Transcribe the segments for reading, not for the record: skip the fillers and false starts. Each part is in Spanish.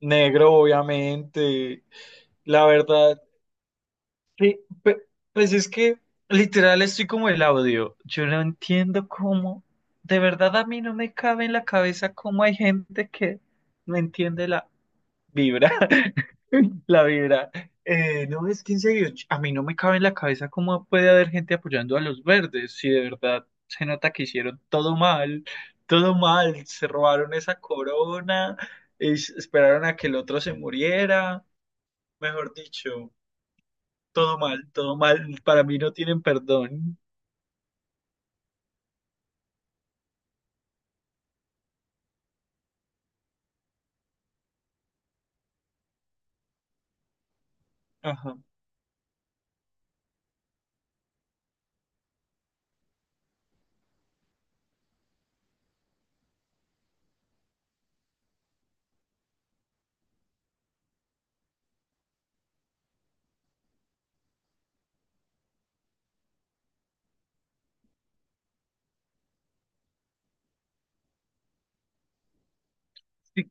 Negro, obviamente. La verdad, sí, pues es que literal estoy como el audio. Yo no entiendo cómo, de verdad a mí no me cabe en la cabeza cómo hay gente que no entiende la vibra, la vibra. No, es que en serio, a mí no me cabe en la cabeza cómo puede haber gente apoyando a los verdes, si de verdad se nota que hicieron todo mal, se robaron esa corona, esperaron a que el otro se muriera. Mejor dicho, todo mal, todo mal. Para mí no tienen perdón. Ajá. Sí,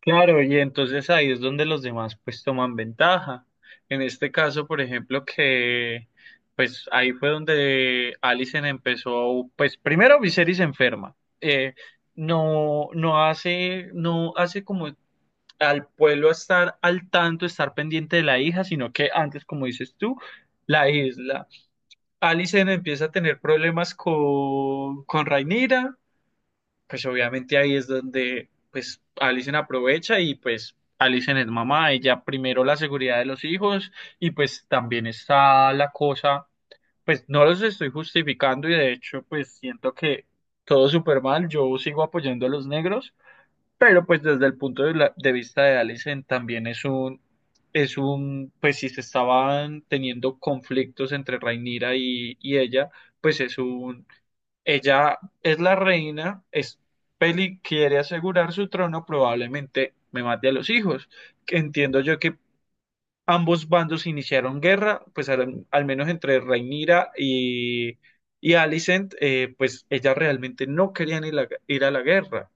claro, y entonces ahí es donde los demás pues toman ventaja. En este caso, por ejemplo, que pues ahí fue donde Alicent empezó, pues primero Viserys se enferma. Eh, no, no hace como al pueblo estar al tanto, estar pendiente de la hija, sino que antes, como dices tú, la isla. Alicent empieza a tener problemas con Rhaenyra, pues obviamente ahí es donde pues Alicent aprovecha y pues Alicent es mamá, ella primero la seguridad de los hijos y pues también está la cosa, pues no los estoy justificando y de hecho pues siento que todo súper mal, yo sigo apoyando a los negros, pero pues desde el punto de, de vista de Allison también es un, pues si se estaban teniendo conflictos entre Rhaenyra y ella, pues es un, ella es la reina, es Peli quiere asegurar su trono, probablemente me mate a los hijos. Que entiendo yo que ambos bandos iniciaron guerra, pues al, al menos entre Rhaenyra y Alicent, pues ella realmente no querían ir a ir a la guerra,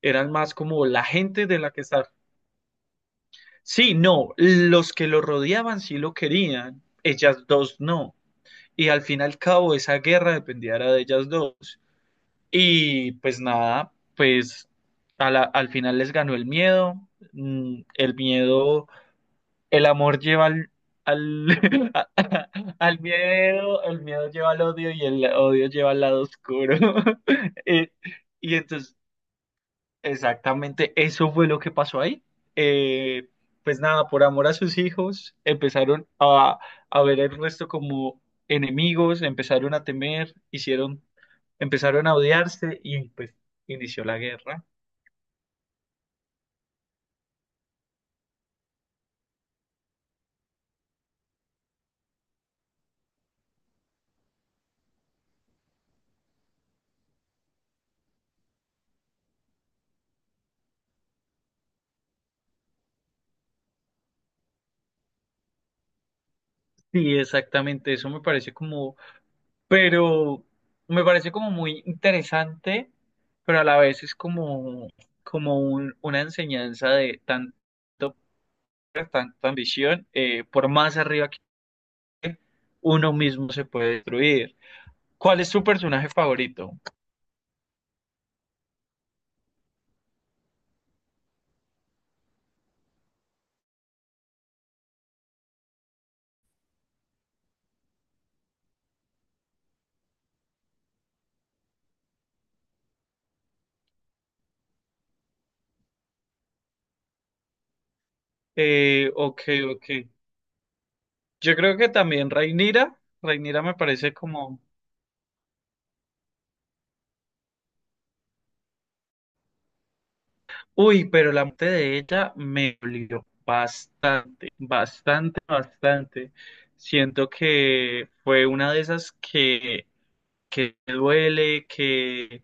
eran más como la gente de la que estar. Sí, no, los que lo rodeaban sí lo querían, ellas dos no. Y al fin y al cabo esa guerra dependía era de ellas dos. Y pues nada, pues a al final les ganó el miedo. Mm, el miedo, el amor lleva al, al, a- a- al miedo, el miedo lleva al odio y el odio lleva al lado oscuro. Eh, y entonces Exactamente, eso fue lo que pasó ahí. Eh, pues nada, por amor a sus hijos, empezaron a ver el resto como enemigos, empezaron a temer, hicieron, empezaron a odiarse y pues inició la guerra. Sí, exactamente, eso me parece como, pero me parece como muy interesante, pero a la vez es como, como una enseñanza de tanto, tanta ambición, por más arriba uno mismo se puede destruir. ¿Cuál es tu personaje favorito? Ok, ok. Yo creo que también Rhaenyra. Rhaenyra me parece como... Uy, pero la muerte de ella me dolió bastante, bastante, bastante. Siento que fue una de esas que duele,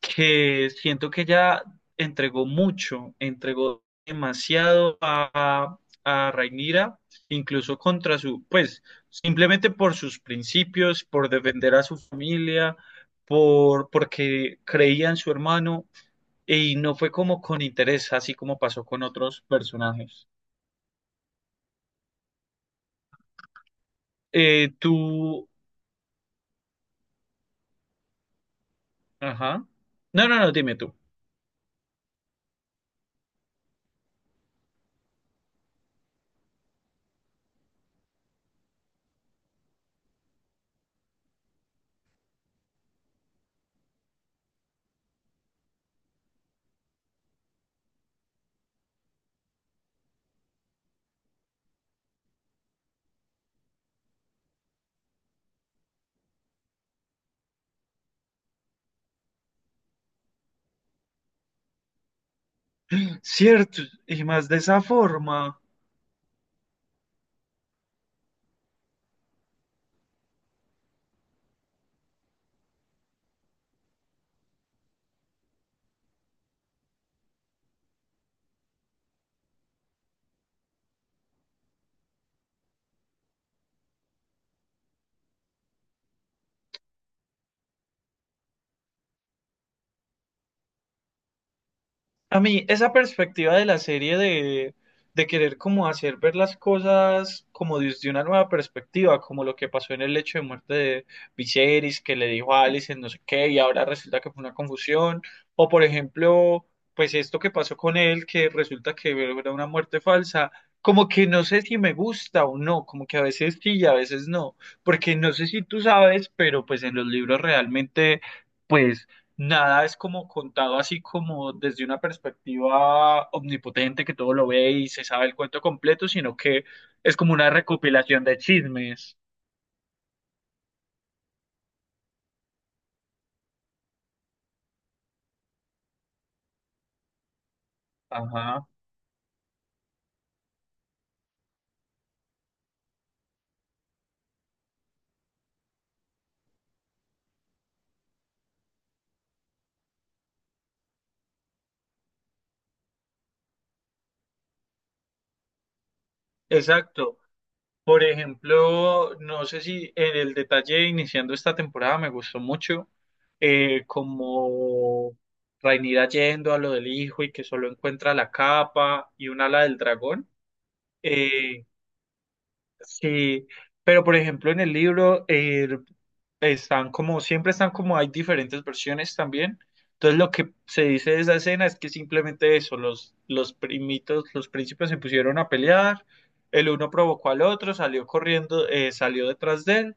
que siento que ella entregó mucho, entregó demasiado a Rhaenyra, incluso contra su, pues, simplemente por sus principios, por defender a su familia, por, porque creía en su hermano, y no fue como con interés, así como pasó con otros personajes. Tú, ajá. No, no, no, dime tú. Cierto, y más de esa forma. A mí, esa perspectiva de la serie de querer como hacer ver las cosas como desde una nueva perspectiva, como lo que pasó en el hecho de muerte de Viserys, que le dijo a Alicent no sé qué, y ahora resulta que fue una confusión, o por ejemplo, pues esto que pasó con él, que resulta que era una muerte falsa, como que no sé si me gusta o no, como que a veces sí y a veces no, porque no sé si tú sabes, pero pues en los libros realmente... Pues nada es como contado así como desde una perspectiva omnipotente que todo lo ve y se sabe el cuento completo, sino que es como una recopilación de chismes. Ajá, exacto. Por ejemplo, no sé si en el detalle iniciando esta temporada me gustó mucho como Rhaenyra yendo a lo del hijo y que solo encuentra la capa y un ala del dragón. Eh, Sí, pero por ejemplo en el libro están como, siempre están como, hay diferentes versiones también. Entonces lo que se dice de esa escena es que simplemente eso, los primitos, los príncipes se pusieron a pelear, el uno provocó al otro, salió corriendo, salió detrás de él,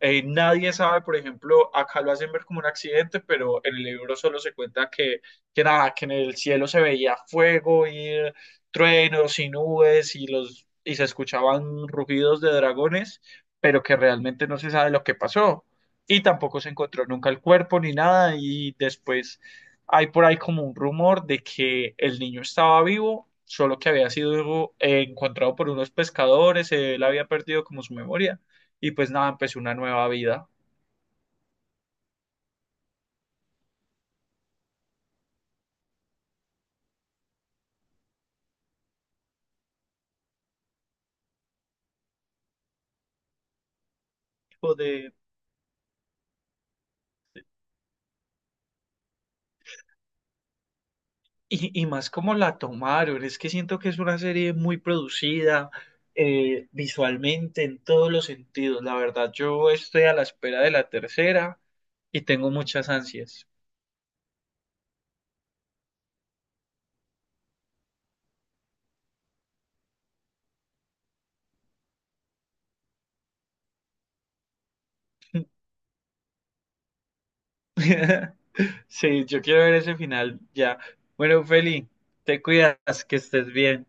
nadie sabe, por ejemplo, acá lo hacen ver como un accidente, pero en el libro solo se cuenta que nada, que en el cielo se veía fuego y truenos y nubes y los y se escuchaban rugidos de dragones, pero que realmente no se sabe lo que pasó. Y tampoco se encontró nunca el cuerpo ni nada. Y después hay por ahí como un rumor de que el niño estaba vivo, solo que había sido encontrado por unos pescadores, él había perdido como su memoria y pues nada, empezó una nueva vida. O de, y más como la tomaron, es que siento que es una serie muy producida visualmente en todos los sentidos. La verdad, yo estoy a la espera de la tercera y tengo muchas ansias. Sí, yo quiero ver ese final ya. Bueno, Feli, te cuidas, que estés bien.